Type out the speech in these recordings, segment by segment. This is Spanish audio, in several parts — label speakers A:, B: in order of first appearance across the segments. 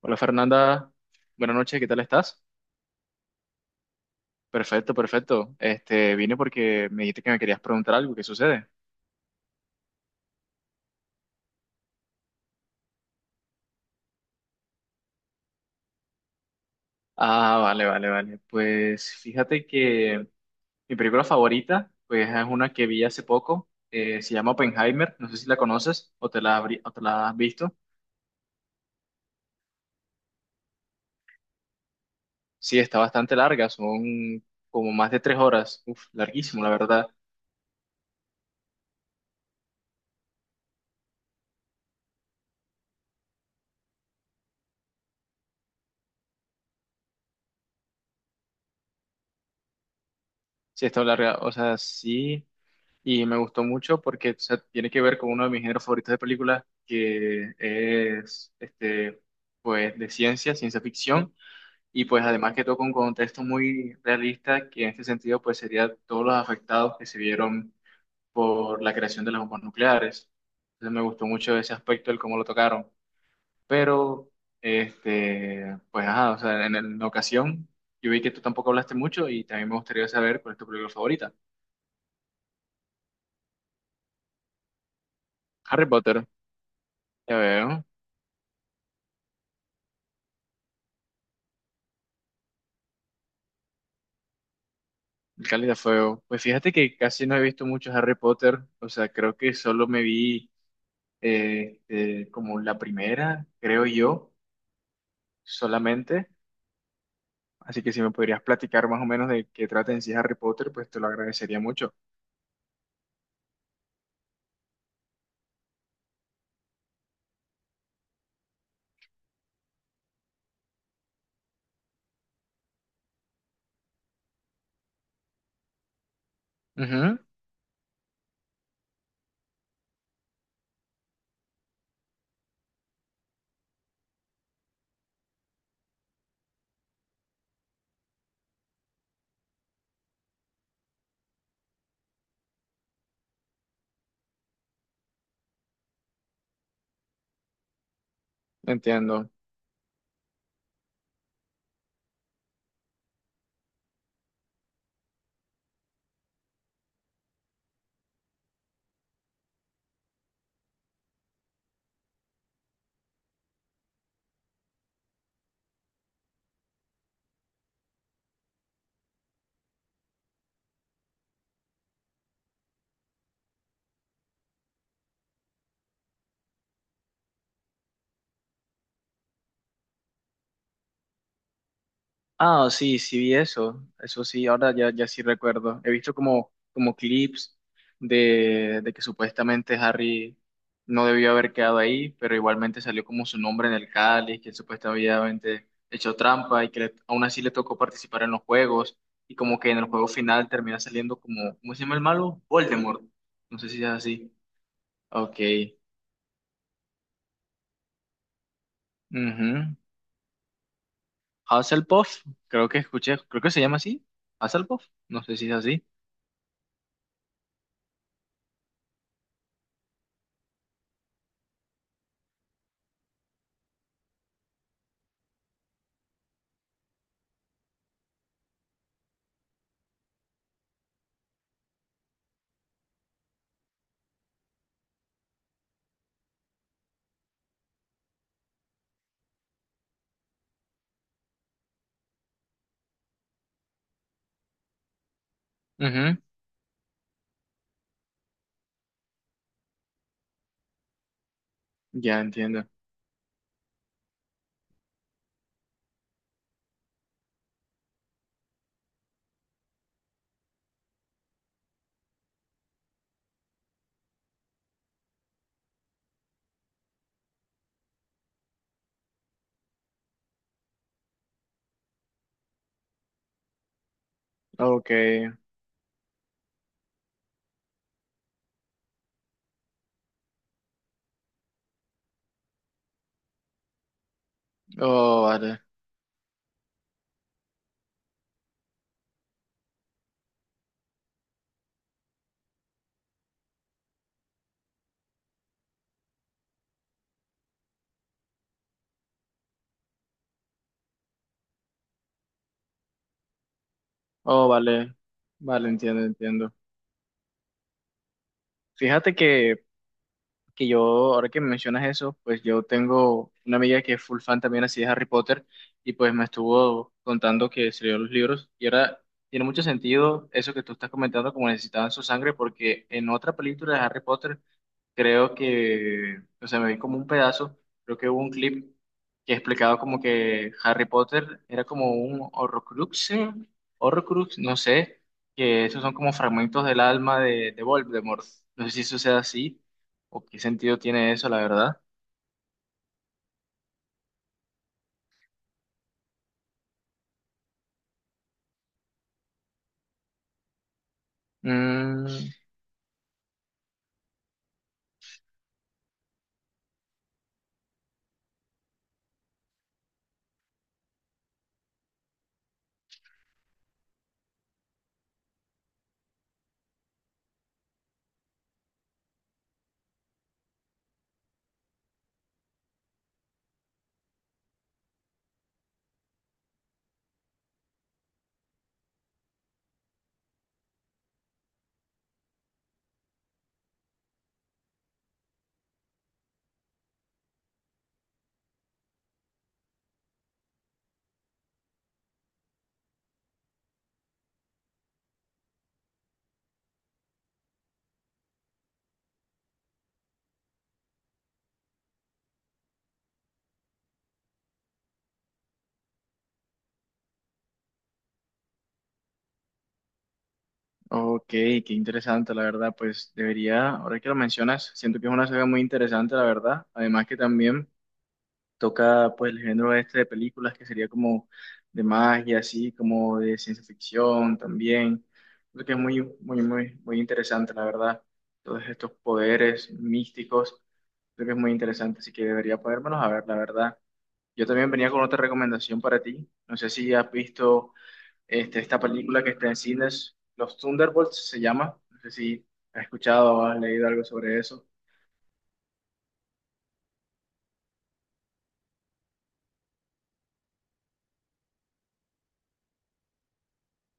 A: Hola Fernanda, buenas noches, ¿qué tal estás? Perfecto, perfecto. Vine porque me dijiste que me querías preguntar algo, ¿qué sucede? Ah, vale, vale, vale. Pues fíjate que mi película favorita, pues es una que vi hace poco, se llama Oppenheimer, no sé si la conoces o te la, o te la has visto. Sí, está bastante larga, son como más de tres horas, uf, larguísimo, la verdad. Sí, está larga, o sea, sí. Y me gustó mucho porque, o sea, tiene que ver con uno de mis géneros favoritos de películas, que es pues de ciencia, ciencia ficción, y pues además que toca un contexto muy realista, que en este sentido pues sería todos los afectados que se vieron por la creación de las bombas nucleares. Entonces me gustó mucho ese aspecto, el cómo lo tocaron. Pero pues ajá, o sea, en ocasión yo vi que tú tampoco hablaste mucho y también me gustaría saber cuál es tu película favorita. Harry Potter, ya veo. El Cáliz de Fuego. Pues fíjate que casi no he visto mucho Harry Potter, o sea, creo que solo me vi como la primera, creo yo, solamente. Así que si me podrías platicar más o menos de qué trata en sí Harry Potter, pues te lo agradecería mucho. Ujú. Entiendo. Ah, sí, sí vi eso, eso sí, ahora ya, ya sí recuerdo. He visto como, como clips de que supuestamente Harry no debió haber quedado ahí, pero igualmente salió como su nombre en el cáliz, que él supuestamente hecho trampa y que aún así le tocó participar en los juegos y como que en el juego final termina saliendo como, ¿cómo se llama el malo? Voldemort. No sé si es así. Ok. Mhm. Hufflepuff, creo que escuché, creo que se llama así. Hufflepuff, no sé si es así. Ya entiendo. Ok. Oh, vale. Oh, vale. Vale, entiendo, entiendo. Fíjate que yo, ahora que me mencionas eso, pues yo tengo una amiga que es full fan también así de Harry Potter, y pues me estuvo contando que se leyó los libros, y ahora tiene mucho sentido eso que tú estás comentando, como necesitaban su sangre, porque en otra película de Harry Potter creo que, o sea, me vi como un pedazo, creo que hubo un clip que explicaba como que Harry Potter era como un Horrocrux, Horrocrux, no sé, que esos son como fragmentos del alma de Voldemort. No sé si eso sea así o qué sentido tiene eso, la verdad. Mm, ok, qué interesante, la verdad. Pues debería, ahora que lo mencionas, siento que es una saga muy interesante, la verdad. Además que también toca pues el género este de películas, que sería como de magia, así como de ciencia ficción también. Creo que es muy, muy, muy, muy interesante, la verdad. Todos estos poderes místicos, creo que es muy interesante, así que debería podérmelos a ver, la verdad. Yo también venía con otra recomendación para ti. No sé si has visto esta película que está en cines, Los Thunderbolts se llama. No sé si has escuchado o has leído algo sobre eso.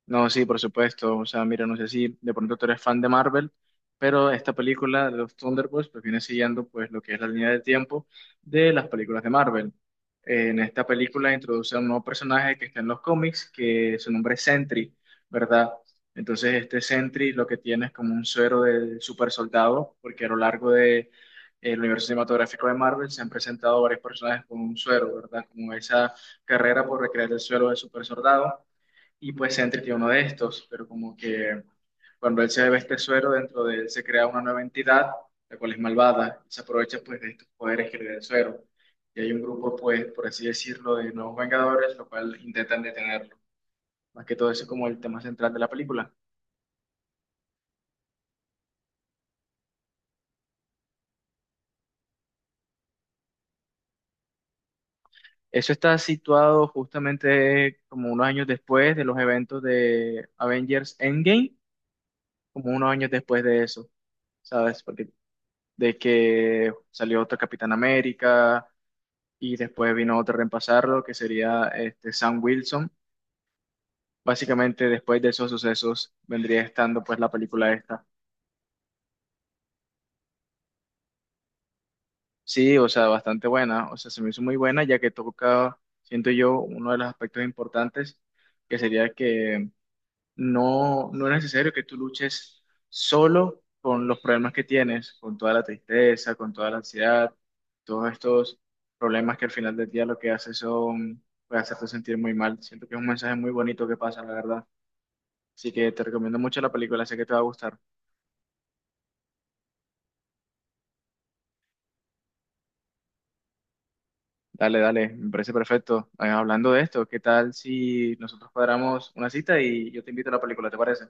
A: No, sí, por supuesto. O sea, mira, no sé si de pronto tú eres fan de Marvel, pero esta película de los Thunderbolts pues viene siguiendo pues lo que es la línea de tiempo de las películas de Marvel. En esta película introduce a un nuevo personaje que está en los cómics, que su nombre es Sentry, ¿verdad? Entonces este Sentry lo que tiene es como un suero de super soldado, porque a lo largo de el universo cinematográfico de Marvel se han presentado varios personajes con un suero, ¿verdad? Como esa carrera por recrear el suero de super soldado, y pues Sentry tiene uno de estos, pero como que cuando él se bebe este suero, dentro de él se crea una nueva entidad, la cual es malvada, y se aprovecha pues de estos poderes que le da el suero. Y hay un grupo, pues, por así decirlo, de nuevos Vengadores, lo cual intentan detenerlo. Más que todo eso es como el tema central de la película. Eso está situado justamente como unos años después de los eventos de Avengers Endgame, como unos años después de eso, ¿sabes? Porque de que salió otro Capitán América, y después vino otro a reemplazarlo, que sería Sam Wilson. Básicamente después de esos sucesos vendría estando pues la película esta. Sí, o sea, bastante buena, o sea, se me hizo muy buena ya que toca, siento yo, uno de los aspectos importantes, que sería que no, no es necesario que tú luches solo con los problemas que tienes, con toda la tristeza, con toda la ansiedad, todos estos problemas que al final del día lo que hace son, puede hacerte sentir muy mal. Siento que es un mensaje muy bonito que pasa, la verdad. Así que te recomiendo mucho la película, sé que te va a gustar. Dale, dale, me parece perfecto. Hablando de esto, ¿qué tal si nosotros cuadramos una cita y yo te invito a la película, ¿te parece?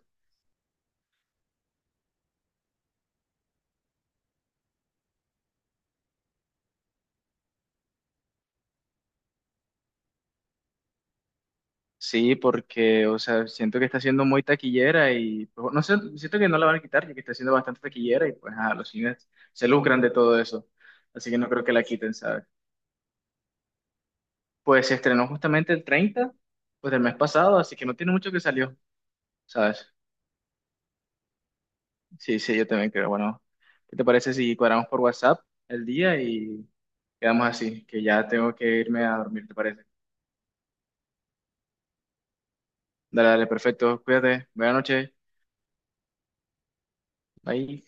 A: Sí, porque, o sea, siento que está siendo muy taquillera y, pues, no sé, siento que no la van a quitar, ya que está siendo bastante taquillera y, pues, a los cines se lucran de todo eso. Así que no creo que la quiten, ¿sabes? Pues se estrenó justamente el 30, pues, del mes pasado, así que no tiene mucho que salió, ¿sabes? Sí, sí, yo también creo. Bueno, ¿qué te parece si cuadramos por WhatsApp el día y quedamos así? Que ya tengo que irme a dormir, ¿te parece? Dale, dale, perfecto. Cuídate. Buenas noches. Bye.